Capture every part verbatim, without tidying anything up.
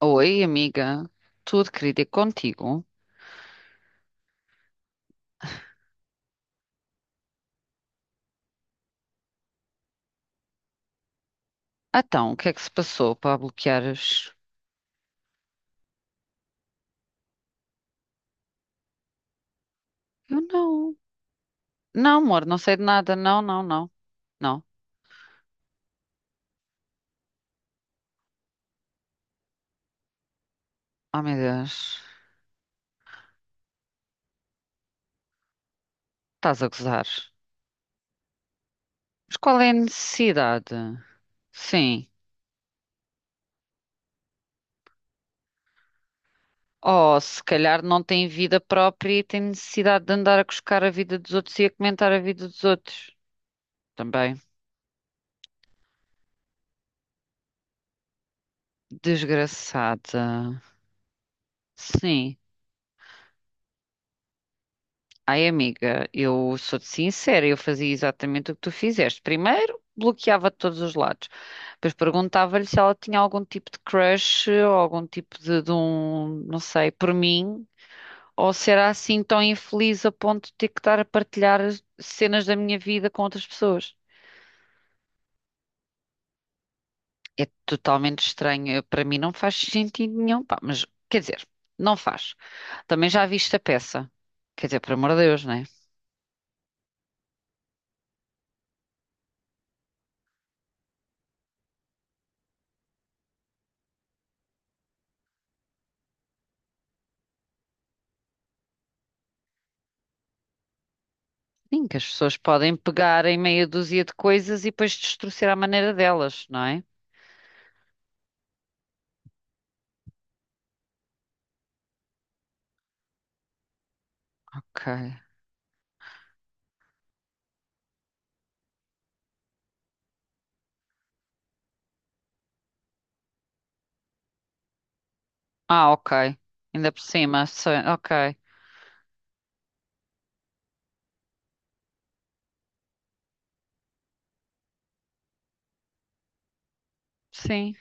Oi, amiga. Tudo, querida, e contigo? Então, o que é que se passou para bloqueares? Eu não. Não, amor, não sei de nada. Não, não, não. Não. Oh, meu Deus. Estás a gozar. Mas qual é a necessidade? Sim. Oh, se calhar não tem vida própria e tem necessidade de andar a cuscar a vida dos outros e a comentar a vida dos outros. Também. Desgraçada. Sim. Ai, amiga, eu sou-te sincera, eu fazia exatamente o que tu fizeste. Primeiro, bloqueava de todos os lados. Depois perguntava-lhe se ela tinha algum tipo de crush ou algum tipo de, de um, não sei, por mim. Ou se era assim tão infeliz a ponto de ter que estar a partilhar as cenas da minha vida com outras pessoas. É totalmente estranho. Eu- Para mim não faz sentido nenhum. Pá, mas, quer dizer, não faz. Também já viste a peça. Quer dizer, por amor de Deus, né? Sim, que as pessoas podem pegar em meia dúzia de coisas e depois destruir à maneira delas, não é? Ok. Ah, ok. Ainda por cima, so- ok. Sim.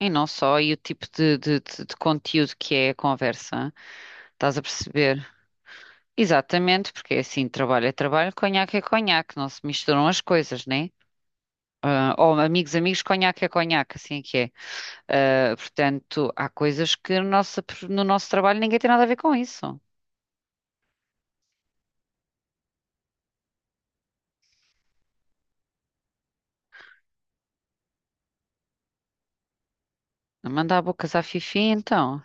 E não só, e o tipo de, de, de- de conteúdo que é a conversa, estás a perceber? Exatamente, porque é assim, trabalho é trabalho, conhaque é conhaque, não se misturam as coisas, né? Ah, ou amigos, amigos, conhaque é conhaque, assim é que é. Ah, portanto, há coisas que no nosso, no nosso trabalho ninguém tem nada a ver com isso. Mandar bocas à Fifi, então.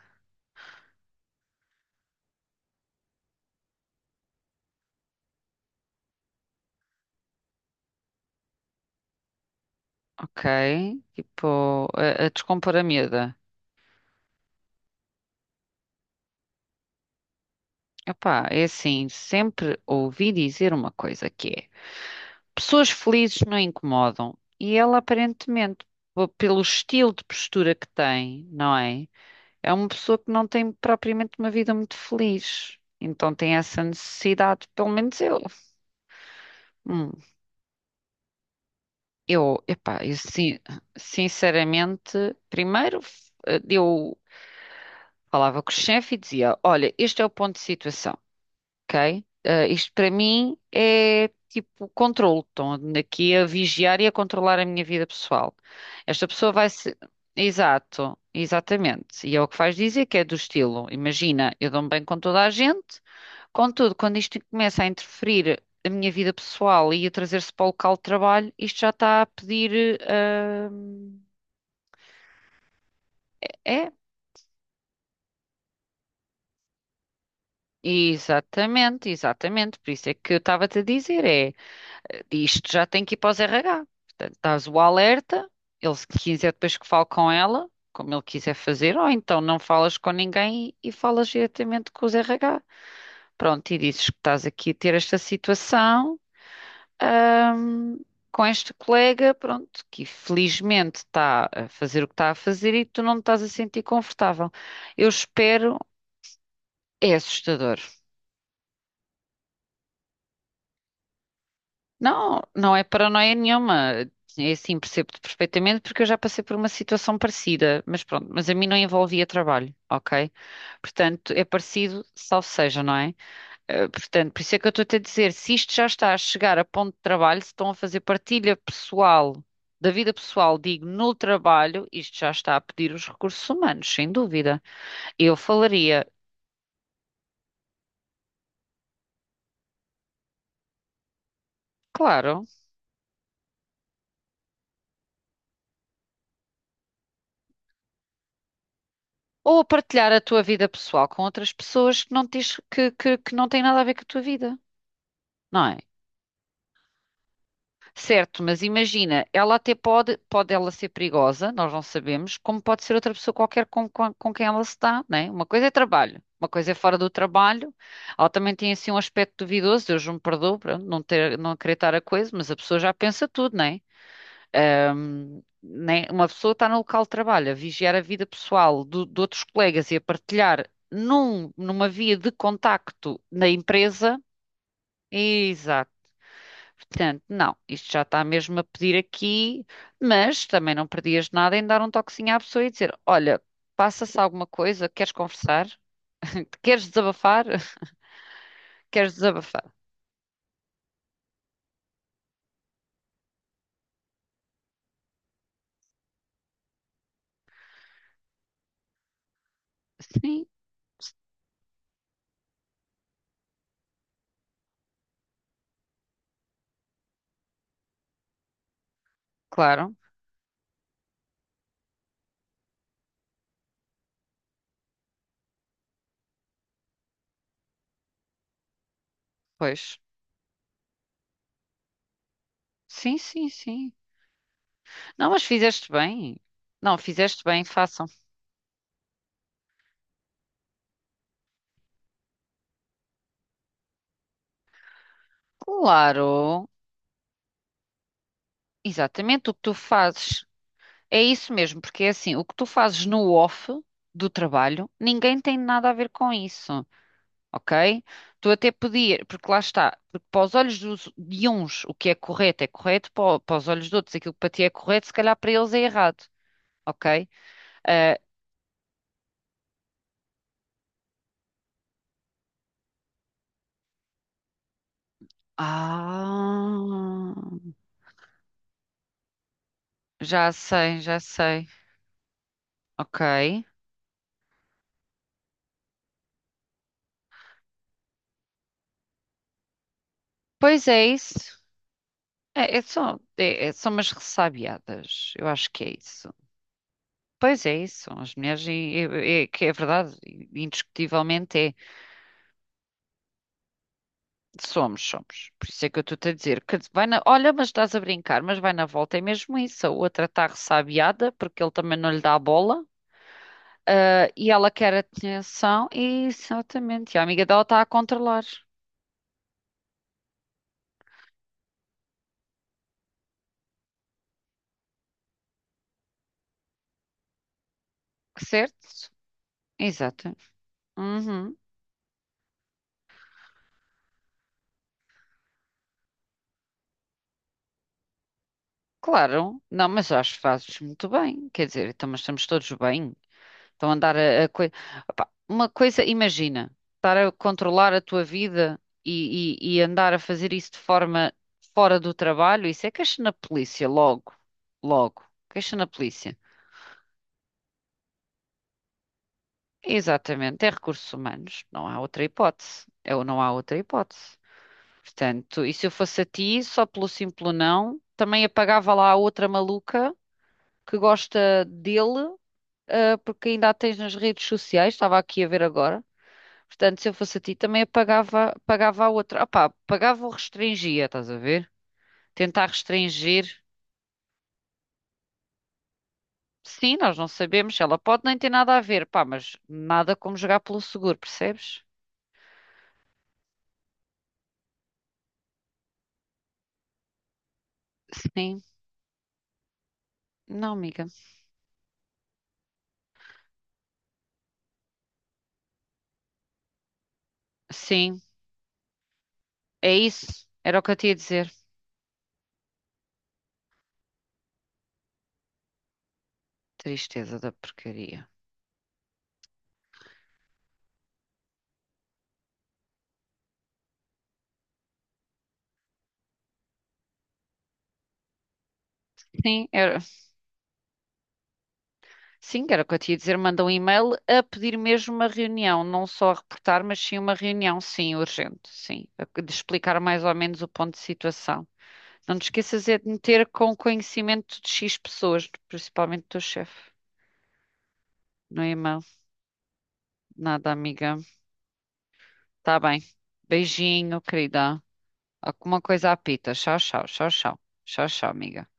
Ok, tipo, a, a descompor a miúda. Epá, é assim, sempre ouvi dizer uma coisa que é: pessoas felizes não incomodam. E ela, aparentemente, p- pelo estilo de postura que tem, não é? É uma pessoa que não tem propriamente uma vida muito feliz. Então tem essa necessidade, pelo menos eu. Hum, eu, epá, eu sin- sinceramente, primeiro f- eu falava com o chefe e dizia: Olha, este é o ponto de situação. Ok? Ah, isto para mim é tipo controle. Estão aqui a vigiar e a controlar a minha vida pessoal. Esta pessoa vai se. Exato, exatamente. E é o que faz dizer que é do estilo. Imagina, eu dou-me bem com toda a gente, contudo, quando isto começa a interferir a minha vida pessoal e a trazer-se para o local de trabalho, isto já está a pedir. Ah, é, exatamente, exatamente. Por isso é que eu estava-te a dizer, é. Isto já tem que ir para os R H. Portanto, dás o alerta, ele se quiser depois que fale com ela, como ele quiser fazer, ou então não falas com ninguém e, e falas diretamente com os R H. Pronto, e dizes que estás aqui a ter esta situação, ahm, com este colega, pronto, que felizmente está a fazer o que está a fazer e tu não te estás a sentir confortável. Eu espero, é assustador. Não, não é paranoia nenhuma. É assim, percebo-te perfeitamente porque eu já passei por uma situação parecida, mas pronto, mas a mim não envolvia trabalho, ok? Portanto, é parecido, salvo seja, não é? Eh, portanto, por isso é que eu estou a dizer, se isto já está a chegar a ponto de trabalho, se estão a fazer partilha pessoal, da vida pessoal, digo, no trabalho, isto já está a pedir os recursos humanos, sem dúvida. Eu falaria, claro, ou a partilhar a tua vida pessoal com outras pessoas que não, tens, que, que que não têm nada a ver com a tua vida. Não é? Certo, mas imagina, ela até pode, pode ela ser perigosa, nós não sabemos, como pode ser outra pessoa qualquer com, com, com quem ela se dá, não é? Uma coisa é trabalho, uma coisa é fora do trabalho, ela também tem assim um aspecto duvidoso, Deus me perdoe, pronto, não ter, não acreditar a coisa, mas a pessoa já pensa tudo, não é? Ahm, né? Uma pessoa está no local de trabalho a vigiar a vida pessoal do- de outros colegas e a partilhar num, numa via de contacto na empresa. Exato. Portanto, não, isto já está mesmo a pedir aqui, mas também não perdias nada em dar um toquezinho à pessoa e dizer: Olha, passa-se alguma coisa, queres conversar? Queres desabafar? Queres desabafar? Sim, claro, pois. Sim, sim, sim. Não, mas fizeste bem. Não, fizeste bem, façam. Claro, exatamente o que tu fazes. É isso mesmo, porque é assim, o que tu fazes no off do trabalho, ninguém tem nada a ver com isso. Ok? Tu até podia porque lá está, porque para os olhos dos- de uns o que é correto é correto, para, o- para os olhos de outros aquilo que para ti é correto, se calhar para eles é errado, ok? Eh, ah, já sei, já sei, ok. Pois é isso. É, é só, é, é- são umas ressabiadas, eu acho que é isso. Pois é isso, as mulheres, e- e- é, que é verdade, indiscutivelmente é. Somos, somos. Por isso é que eu estou-te a dizer que vai na... olha, mas estás a brincar, mas vai na volta. É mesmo isso. A outra está ressabiada porque ele também não lhe dá a bola. Ah, e ela quer atenção. E, exatamente. E a amiga dela está a controlar. Certo? Exato. Uhum. Claro. Não, mas acho que fazes muito bem. Quer dizer, então, mas estamos todos bem. Estão a andar a, a coi- Opá, uma coisa, imagina, estar a controlar a tua vida e, e- e andar a fazer isso de forma fora do trabalho, isso é queixa na polícia, logo, logo, queixa na polícia. Exatamente, é recursos humanos, não há outra hipótese, é ou não há outra hipótese. Portanto, e se eu fosse a ti, só pelo simples não, também apagava lá a outra maluca que gosta dele, ah, porque ainda a tens nas redes sociais, estava aqui a ver agora. Portanto, se eu fosse a ti, também apagava, pagava a outra. Opá, pagava ou restringia, estás a ver? Tentar restringir. Sim, nós não sabemos. Ela pode nem ter nada a ver, pá, mas nada como jogar pelo seguro, percebes? Sim. Não, amiga. Sim, é isso. Era o que eu te ia dizer. Tristeza da porcaria. Sim, era, sim, era o que eu te ia dizer. Manda um e-mail a pedir mesmo uma reunião. Não só a reportar, mas sim uma reunião, sim, urgente. Sim, A- de explicar mais ou menos o ponto de situação. Não te esqueças é de meter com conhecimento de X pessoas, principalmente do teu chefe. No e-mail. Nada, amiga. Tá bem. Beijinho, querida. Alguma coisa apita. Tchau, tchau, tchau, tchau. Tchau, tchau, amiga.